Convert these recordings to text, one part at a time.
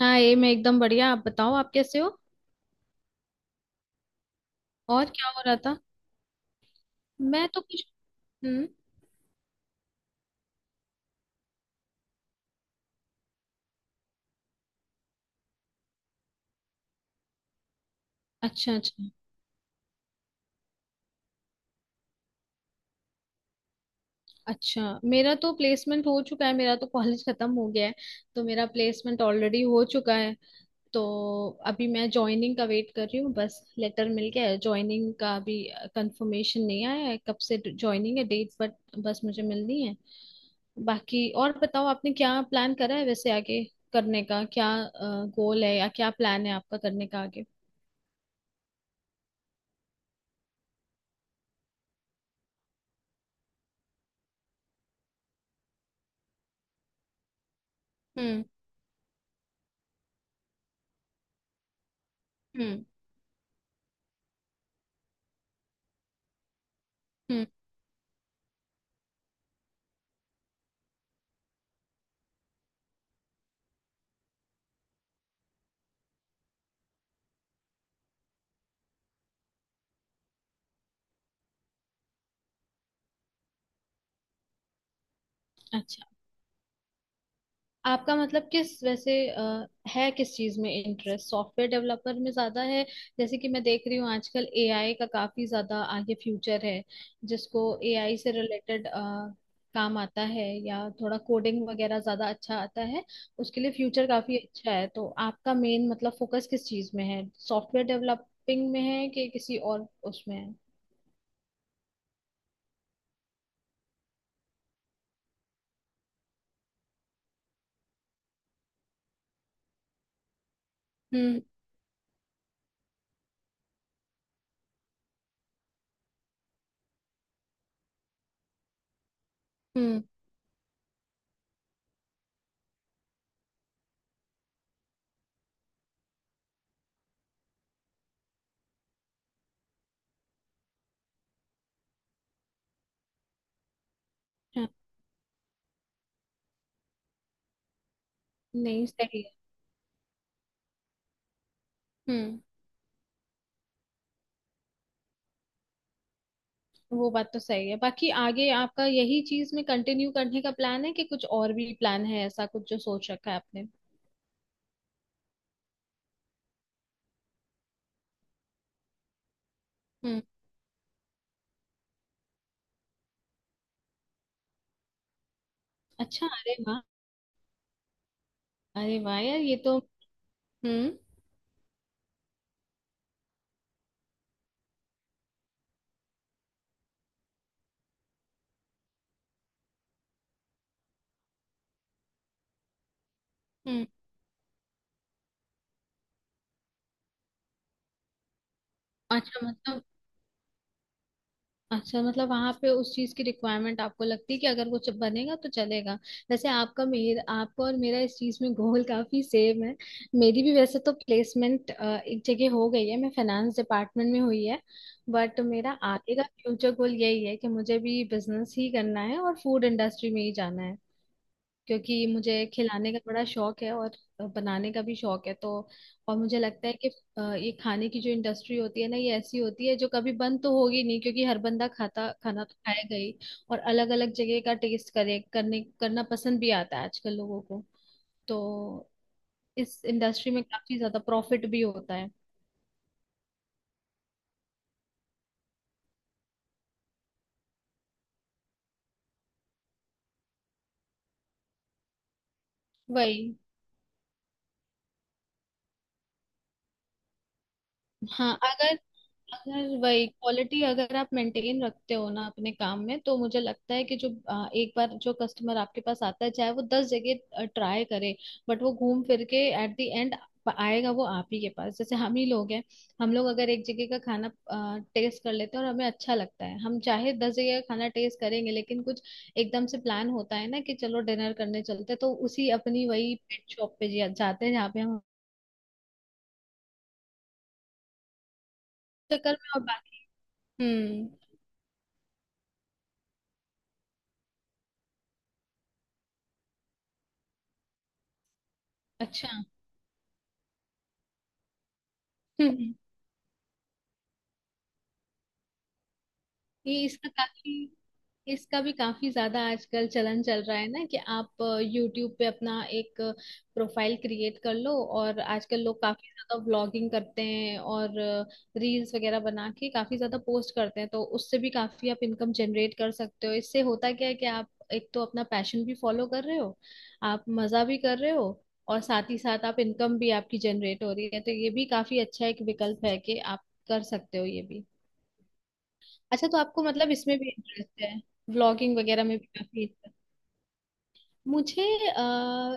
हाँ, ये मैं एकदम बढ़िया। आप बताओ, आप कैसे हो? और क्या हो रहा था? मैं तो कुछ। हम्म। अच्छा, अच्छा। अच्छा, मेरा तो प्लेसमेंट हो चुका है। मेरा तो कॉलेज खत्म हो गया है। तो मेरा प्लेसमेंट ऑलरेडी हो चुका है। तो अभी मैं ज्वाइनिंग का वेट कर रही हूँ। बस लेटर मिल गया है ज्वाइनिंग का, अभी कंफर्मेशन नहीं आया है कब से ज्वाइनिंग है डेट, बट बस मुझे मिलनी है। बाकी और बताओ, आपने क्या प्लान करा है वैसे आगे करने का? क्या गोल है या क्या प्लान है आपका करने का आगे? हम्म। हम्म। अच्छा, आपका मतलब किस वैसे है किस चीज में इंटरेस्ट, सॉफ्टवेयर डेवलपर में ज्यादा है? जैसे कि मैं देख रही हूँ आजकल एआई का काफी ज्यादा आगे फ्यूचर है। जिसको एआई से रिलेटेड काम आता है या थोड़ा कोडिंग वगैरह ज्यादा अच्छा आता है, उसके लिए फ्यूचर काफी अच्छा है। तो आपका मेन मतलब फोकस किस चीज में है, सॉफ्टवेयर डेवलपिंग में है कि किसी और उसमें है? हम्म। हम्म। हाँ, नहीं सही है। हम्म। वो बात तो सही है। बाकी आगे आपका यही चीज में कंटिन्यू करने का प्लान है कि कुछ और भी प्लान है, ऐसा कुछ जो सोच रखा है आपने? हम्म। अच्छा, अरे वाह। अरे वाह यार, ये तो। हम्म। हम्म। अच्छा मतलब अच्छा मतलब, वहां पे उस चीज की रिक्वायरमेंट आपको लगती है कि अगर कुछ बनेगा तो चलेगा। वैसे आपका और मेरा इस चीज में गोल काफी सेम है। मेरी भी वैसे तो प्लेसमेंट एक जगह हो गई है, मैं फाइनेंस डिपार्टमेंट में हुई है। बट मेरा आगे का फ्यूचर गोल यही है कि मुझे भी बिजनेस ही करना है और फूड इंडस्ट्री में ही जाना है। क्योंकि मुझे खिलाने का बड़ा शौक है और बनाने का भी शौक है तो। और मुझे लगता है कि ये खाने की जो इंडस्ट्री होती है ना, ये ऐसी होती है जो कभी बंद तो होगी नहीं, क्योंकि हर बंदा खाता खाना तो खाएगा ही। और अलग अलग जगह का टेस्ट करे करने करना पसंद भी आता है आजकल लोगों को। तो इस इंडस्ट्री में काफी ज्यादा प्रॉफिट भी होता है। वही। हाँ, अगर अगर वही क्वालिटी अगर आप मेंटेन रखते हो ना अपने काम में, तो मुझे लगता है कि जो एक बार जो कस्टमर आपके पास आता है, चाहे वो 10 जगह ट्राई करे। बट वो घूम फिर के एट द एंड आएगा वो आप ही के पास। जैसे हम ही लोग हैं। हम लोग अगर एक जगह का खाना टेस्ट कर लेते हैं और हमें अच्छा लगता है, हम चाहे 10 जगह का खाना टेस्ट करेंगे, लेकिन कुछ एकदम से प्लान होता है ना कि चलो डिनर करने चलते हैं, तो उसी अपनी वही पेट शॉप पे जाते हैं जहाँ पे हम चक्कर में, और बाकी। हम्म। अच्छा। हम्म। ये इसका काफी, इसका भी काफी ज्यादा आजकल चलन चल रहा है ना कि आप यूट्यूब पे अपना एक प्रोफाइल क्रिएट कर लो। और आजकल लोग काफी ज्यादा व्लॉगिंग करते हैं और रील्स वगैरह बना के काफी ज्यादा पोस्ट करते हैं, तो उससे भी काफी आप इनकम जनरेट कर सकते हो। इससे होता क्या है कि आप एक तो अपना पैशन भी फॉलो कर रहे हो, आप मजा भी कर रहे हो, और साथ ही साथ आप इनकम भी आपकी जनरेट हो रही है। तो ये भी काफी अच्छा एक विकल्प है कि आप कर सकते हो ये भी। अच्छा, तो आपको मतलब इसमें भी इंटरेस्ट है, ब्लॉगिंग वगैरह में भी काफी? मुझे,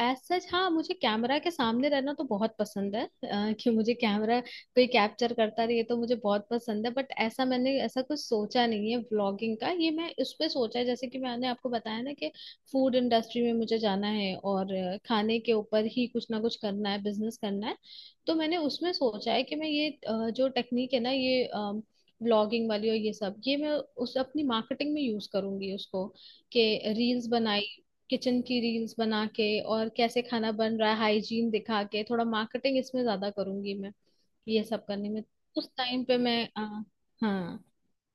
एज सच, हाँ, मुझे कैमरा के सामने रहना तो बहुत पसंद है, कि मुझे कैमरा कोई कैप्चर करता रहे ये तो मुझे बहुत पसंद है। बट ऐसा, मैंने ऐसा कुछ सोचा नहीं है व्लॉगिंग का, ये मैं उस पे सोचा है, जैसे कि मैंने आपको बताया ना कि फूड इंडस्ट्री में मुझे जाना है और खाने के ऊपर ही कुछ ना कुछ करना है, बिजनेस करना है। तो मैंने उसमें सोचा है कि मैं ये जो टेक्निक है ना ये ब्लॉगिंग वाली और ये सब, ये मैं उस अपनी मार्केटिंग में यूज करूंगी उसको। कि रील्स बनाई, किचन की रील्स बना के और कैसे खाना बन रहा है हाइजीन दिखा के, थोड़ा मार्केटिंग इसमें ज्यादा करूंगी मैं ये सब करने में। उस टाइम पे मैं हाँ,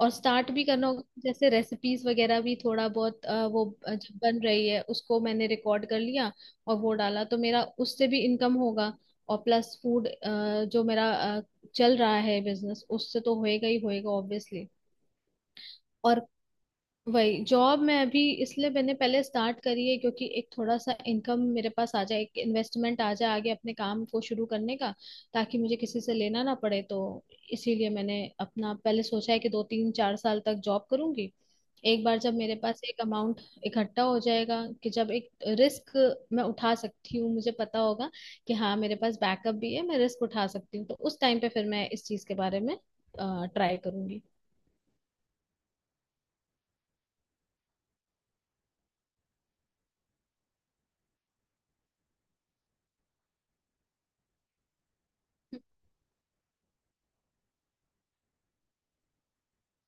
और स्टार्ट भी करना होगा, जैसे रेसिपीज वगैरह भी थोड़ा बहुत, वो जब बन रही है उसको मैंने रिकॉर्ड कर लिया और वो डाला तो मेरा उससे भी इनकम होगा। और प्लस फूड जो मेरा चल रहा है बिजनेस, उससे तो होएगा ही होएगा ऑब्वियसली। और वही जॉब मैं अभी इसलिए मैंने पहले स्टार्ट करी है, क्योंकि एक थोड़ा सा इनकम मेरे पास आ जाए, एक इन्वेस्टमेंट आ जाए आगे अपने काम को शुरू करने का, ताकि मुझे किसी से लेना ना पड़े तो। इसीलिए मैंने अपना पहले सोचा है कि दो तीन चार साल तक जॉब करूंगी, एक बार जब मेरे पास एक अमाउंट इकट्ठा हो जाएगा, कि जब एक रिस्क मैं उठा सकती हूँ, मुझे पता होगा कि हाँ मेरे पास बैकअप भी है, मैं रिस्क उठा सकती हूँ, तो उस टाइम पे फिर मैं इस चीज के बारे में ट्राई करूंगी।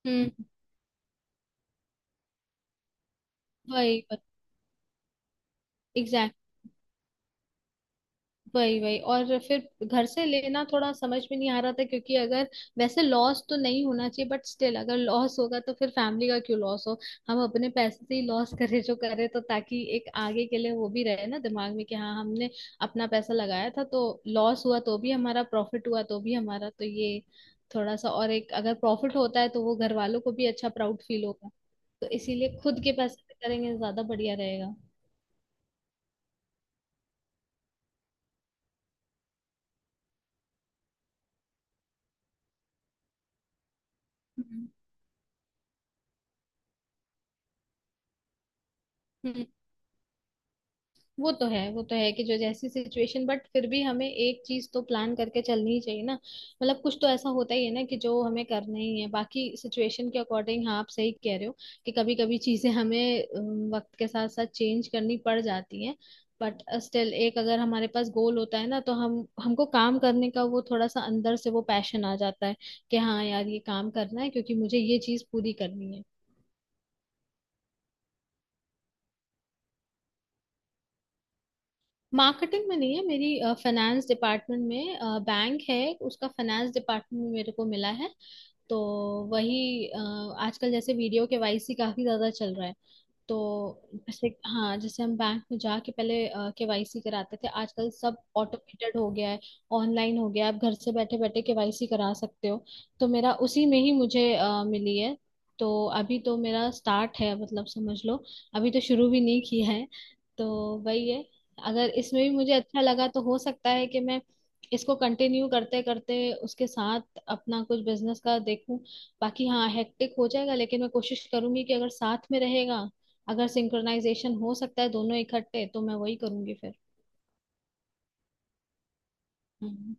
हम्म। वही, एग्जैक्टली, वही वही, और फिर घर से लेना थोड़ा समझ में नहीं आ रहा था क्योंकि अगर, वैसे लॉस तो नहीं होना चाहिए, बट स्टिल अगर लॉस होगा तो फिर फैमिली का क्यों लॉस हो? हम अपने पैसे से ही लॉस करें जो करें, तो ताकि एक आगे के लिए वो भी रहे ना दिमाग में कि हाँ हमने अपना पैसा लगाया था, तो लॉस हुआ तो भी हमारा, प्रॉफिट हुआ तो भी हमारा, तो ये थोड़ा सा। और एक अगर प्रॉफिट होता है तो वो घर वालों को भी अच्छा प्राउड फील होगा। तो इसीलिए खुद के पैसे से करेंगे, ज्यादा बढ़िया रहेगा। हम्म। वो तो है, वो तो है कि जो जैसी सिचुएशन, बट फिर भी हमें एक चीज तो प्लान करके चलनी ही चाहिए ना? मतलब कुछ तो ऐसा होता ही है ना कि जो हमें करना ही है, बाकी सिचुएशन के अकॉर्डिंग। हाँ, आप सही कह रहे हो कि कभी कभी चीजें हमें वक्त के साथ साथ चेंज करनी पड़ जाती हैं। बट स्टिल एक अगर हमारे पास गोल होता है ना, तो हम हमको काम करने का वो थोड़ा सा अंदर से वो पैशन आ जाता है कि हाँ यार, ये काम करना है क्योंकि मुझे ये चीज पूरी करनी है। मार्केटिंग में नहीं है, मेरी फाइनेंस डिपार्टमेंट में। बैंक है, उसका फाइनेंस डिपार्टमेंट में मेरे को मिला है। तो वही आजकल जैसे वीडियो केवाईसी काफी ज्यादा चल रहा है। तो जैसे, हाँ, जैसे हम बैंक में जाके पहले केवाईसी कराते थे, आजकल सब ऑटोमेटेड हो गया है, ऑनलाइन हो गया है, आप घर से बैठे बैठे केवाईसी करा सकते हो। तो मेरा उसी में ही, मुझे मिली है। तो अभी तो मेरा स्टार्ट है मतलब, समझ लो अभी तो शुरू भी नहीं किया है तो। वही है। अगर इसमें भी मुझे अच्छा लगा तो हो सकता है कि मैं इसको कंटिन्यू करते करते उसके साथ अपना कुछ बिजनेस का देखूं। बाकी हाँ, हेक्टिक हो जाएगा, लेकिन मैं कोशिश करूंगी कि अगर साथ में रहेगा, अगर सिंक्रोनाइजेशन हो सकता है दोनों इकट्ठे, तो मैं वही करूंगी फिर। हम्म,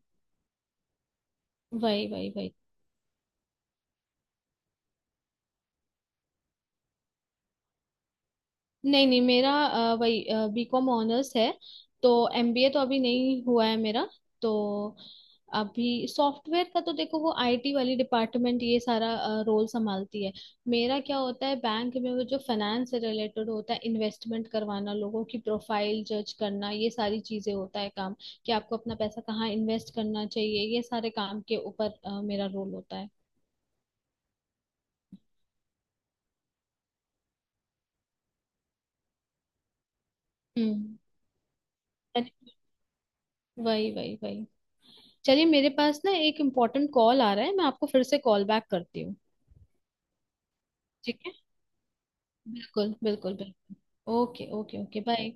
वही वही वही। नहीं नहीं, मेरा वही, बीकॉम ऑनर्स है। तो एमबीए तो अभी नहीं हुआ है मेरा तो। अभी सॉफ्टवेयर का तो देखो, वो आईटी वाली डिपार्टमेंट ये सारा रोल संभालती है। मेरा क्या होता है बैंक में, वो जो फाइनेंस से रिलेटेड होता है, इन्वेस्टमेंट करवाना, लोगों की प्रोफाइल जज करना, ये सारी चीजें होता है काम, कि आपको अपना पैसा कहाँ इन्वेस्ट करना चाहिए, ये सारे काम के ऊपर मेरा रोल होता है। हम्म। अरे, वही वही वही, चलिए मेरे पास ना एक इम्पोर्टेंट कॉल आ रहा है, मैं आपको फिर से कॉल बैक करती हूँ। ठीक है, बिल्कुल बिल्कुल बिल्कुल। Okay okay okay bye.